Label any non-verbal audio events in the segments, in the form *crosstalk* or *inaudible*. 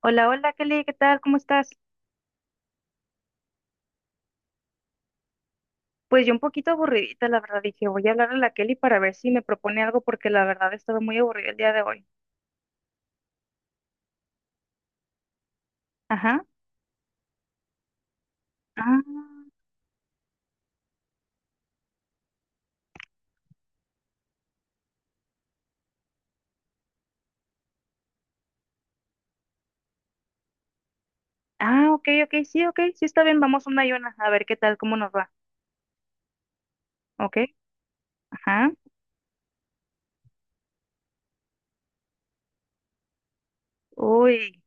Hola, hola Kelly, ¿qué tal? ¿Cómo estás? Pues yo un poquito aburridita, la verdad, dije, voy a hablarle a la Kelly para ver si me propone algo porque la verdad estaba muy aburrida el día de hoy. Ajá. Ah, ah, ok, ok, sí, ok, sí está bien, vamos una y una, a ver qué tal, cómo nos va, ¿ok? Ajá. Uy,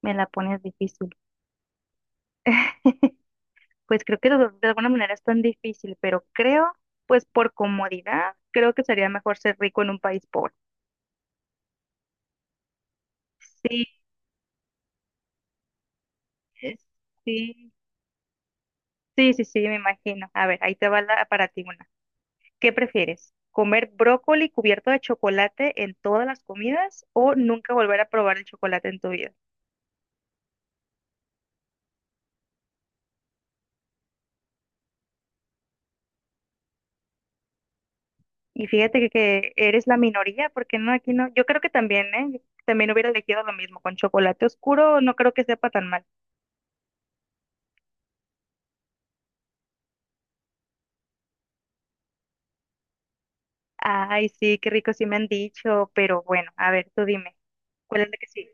me la pones difícil. *laughs* Pues creo que de alguna manera es tan difícil, pero creo, pues por comodidad, creo que sería mejor ser rico en un país pobre. Sí, es- sí, sí, me imagino. A ver, ahí te va la, para ti una. ¿Qué prefieres? ¿Comer brócoli cubierto de chocolate en todas las comidas o nunca volver a probar el chocolate en tu vida? Y fíjate que eres la minoría, porque no, aquí no. Yo creo que también, ¿eh? Yo también hubiera elegido lo mismo. Con chocolate oscuro no creo que sepa tan mal. Ay, sí, qué rico, sí me han dicho, pero bueno, a ver, tú dime, ¿cuál es la que sí?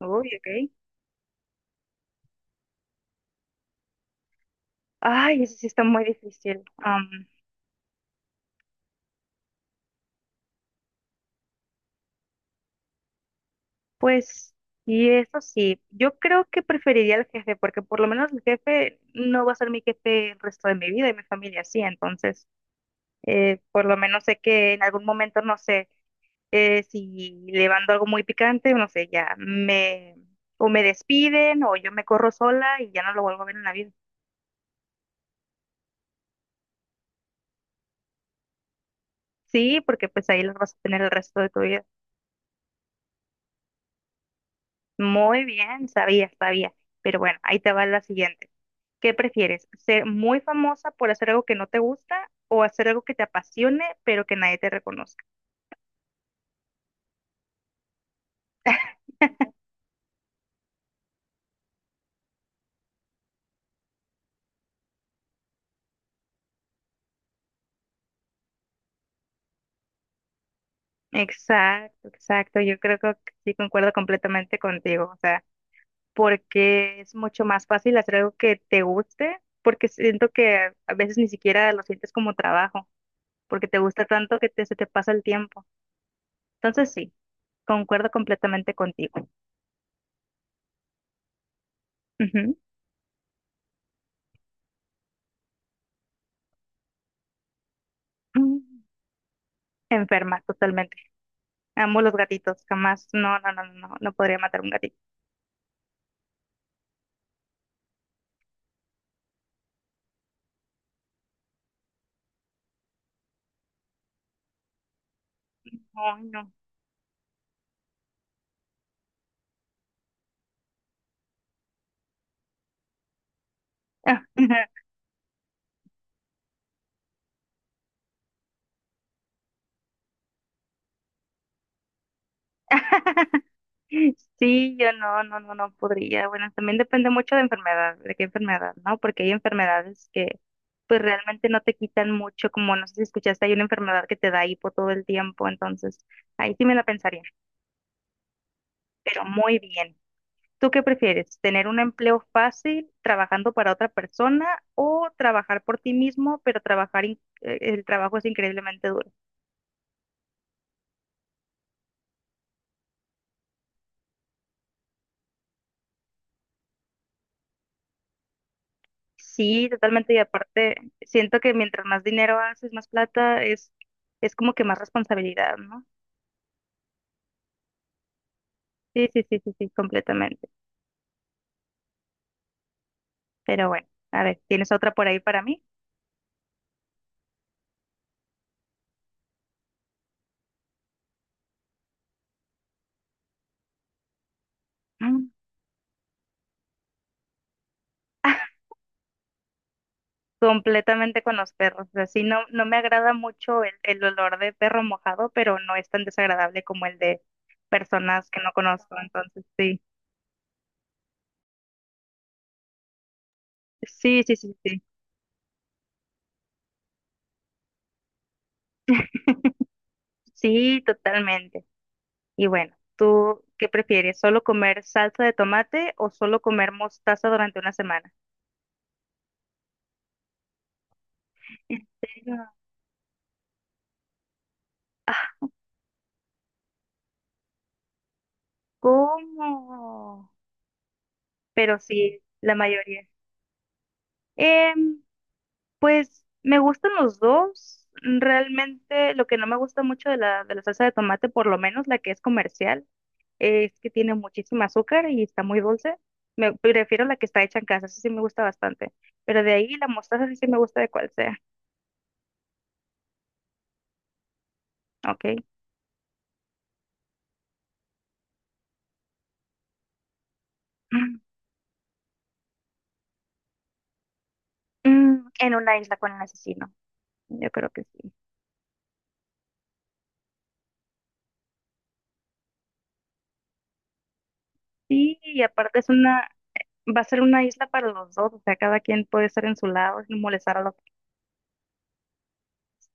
Uy, ok. Ay, eso sí está muy difícil. Pues, y eso sí, yo creo que preferiría al jefe, porque por lo menos el jefe no va a ser mi jefe el resto de mi vida y mi familia sí, entonces, por lo menos sé que en algún momento, no sé, si le mando algo muy picante, no sé, ya me, o me despiden, o yo me corro sola y ya no lo vuelvo a ver en la vida. Sí, porque pues ahí los vas a tener el resto de tu vida. Muy bien, sabía, pero bueno, ahí te va la siguiente. ¿Qué prefieres? ¿Ser muy famosa por hacer algo que no te gusta o hacer algo que te apasione pero que nadie te reconozca? Exacto, exacto. Yo creo que sí concuerdo completamente contigo. O sea, porque es mucho más fácil hacer algo que te guste, porque siento que a veces ni siquiera lo sientes como trabajo, porque te gusta tanto se te pasa el tiempo. Entonces sí, concuerdo completamente contigo. Ujú. *laughs* Mm, enferma, totalmente. Amo los gatitos, jamás. No, no, no, no, no podría matar un gatito. Ay, no. *laughs* Sí, yo no, no, no podría. Bueno, también depende mucho de enfermedad, de qué enfermedad, ¿no? Porque hay enfermedades que pues realmente no te quitan mucho, como no sé si escuchaste, hay una enfermedad que te da hipo todo el tiempo, entonces ahí sí me la pensaría, pero muy bien. ¿Tú qué prefieres? ¿Tener un empleo fácil trabajando para otra persona o trabajar por ti mismo, pero trabajar, el trabajo es increíblemente duro? Sí, totalmente. Y aparte, siento que mientras más dinero haces, más plata, es como que más responsabilidad, ¿no? Sí, completamente. Pero bueno, a ver, ¿tienes otra por ahí para mí? Mm. *laughs* Completamente con los perros. Así no, no me agrada mucho el olor de perro mojado, pero no es tan desagradable como el de personas que no conozco. Entonces, sí, sí. *laughs* Sí, totalmente. Y bueno, ¿tú qué prefieres? ¿Solo comer salsa de tomate o solo comer mostaza durante una semana? ¿En serio? Ah, ¿cómo? Pero sí, la mayoría. Em, pues me gustan los dos. Realmente lo que no me gusta mucho de la salsa de tomate, por lo menos la que es comercial, es que tiene muchísimo azúcar y está muy dulce. Me prefiero la que está hecha en casa, esa sí me gusta bastante. Pero de ahí la mostaza sí me gusta de cual sea. Ok. Mm, en una isla con el asesino. Yo creo que sí. Sí, y aparte es una, va a ser una isla para los dos, o sea, cada quien puede estar en su lado sin molestar a los demás.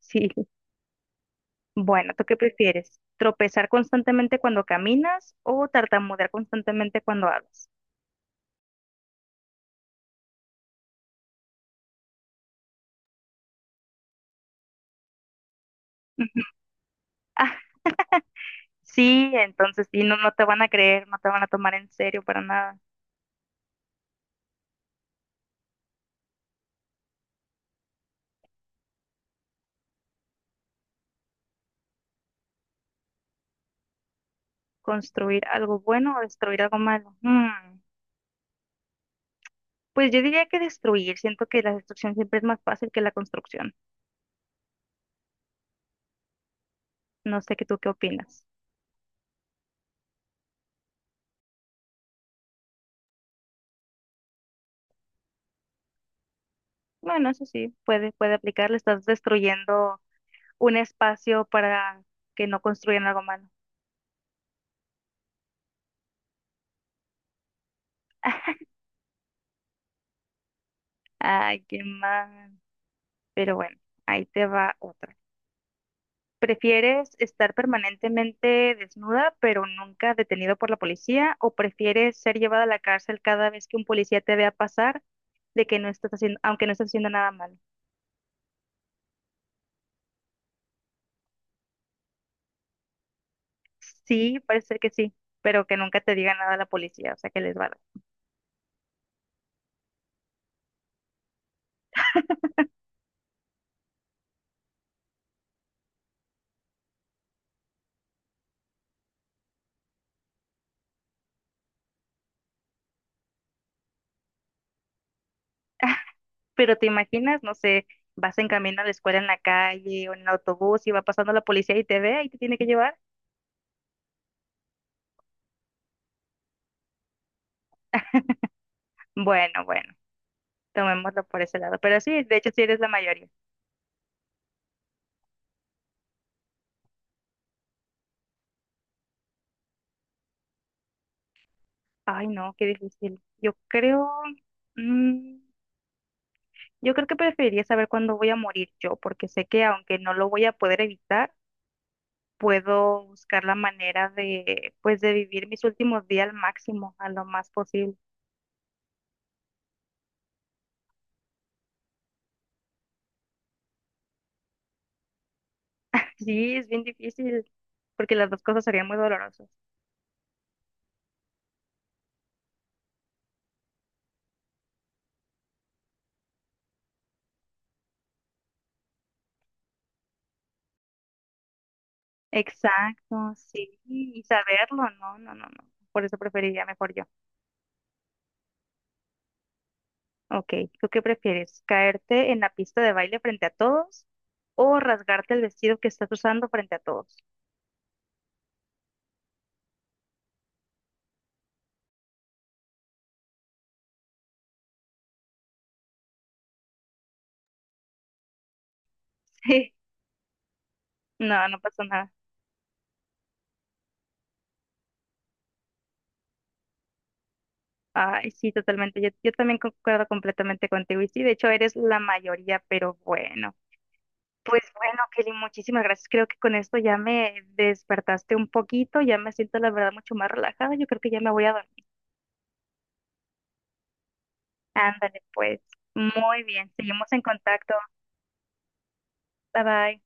Sí. Bueno, ¿tú qué prefieres? ¿Tropezar constantemente cuando caminas o tartamudear constantemente cuando hablas? *laughs* Ujú. Ah, sí, entonces sí, no, no te van a creer, no te van a tomar en serio para nada. ¿Construir algo bueno o destruir algo malo? Mm, pues yo diría que destruir, siento que la destrucción siempre es más fácil que la construcción. No sé qué tú qué opinas. Bueno, eso sí, puede aplicar, le estás destruyendo un espacio para que no construyan algo malo. *laughs* Ay, qué mal. Pero bueno, ahí te va otra. ¿Prefieres estar permanentemente desnuda, pero nunca detenido por la policía? ¿O prefieres ser llevada a la cárcel cada vez que un policía te vea pasar de que no estás haciendo, aunque no estás haciendo nada malo? Sí, parece que sí, pero que nunca te diga nada la policía, o sea, que les vale. Pero te imaginas, no sé, vas en camino a la escuela en la calle o en el autobús y va pasando la policía y te ve y te tiene que llevar. Bueno, bueno, tomémoslo por ese lado. Pero sí, de hecho sí eres la mayoría. Ay, no, qué difícil. Yo creo, mm, yo creo que preferiría saber cuándo voy a morir yo, porque sé que aunque no lo voy a poder evitar, puedo buscar la manera de, pues, de vivir mis últimos días al máximo, a lo más posible. *laughs* Sí, es bien difícil, porque las dos cosas serían muy dolorosas. Exacto, sí, y saberlo, no, no, no, no. Por eso preferiría mejor yo. Ok, ¿tú qué prefieres? ¿Caerte en la pista de baile frente a todos o rasgarte el vestido que estás usando frente a todos? *laughs* Sí, no, no pasa nada. Ay, sí, totalmente. Yo también concuerdo completamente contigo. Y sí, de hecho eres la mayoría, pero bueno. Pues bueno, Kelly, muchísimas gracias. Creo que con esto ya me despertaste un poquito, ya me siento la verdad mucho más relajada. Yo creo que ya me voy a dormir. Ándale, pues. Muy bien. Seguimos en contacto. Bye bye.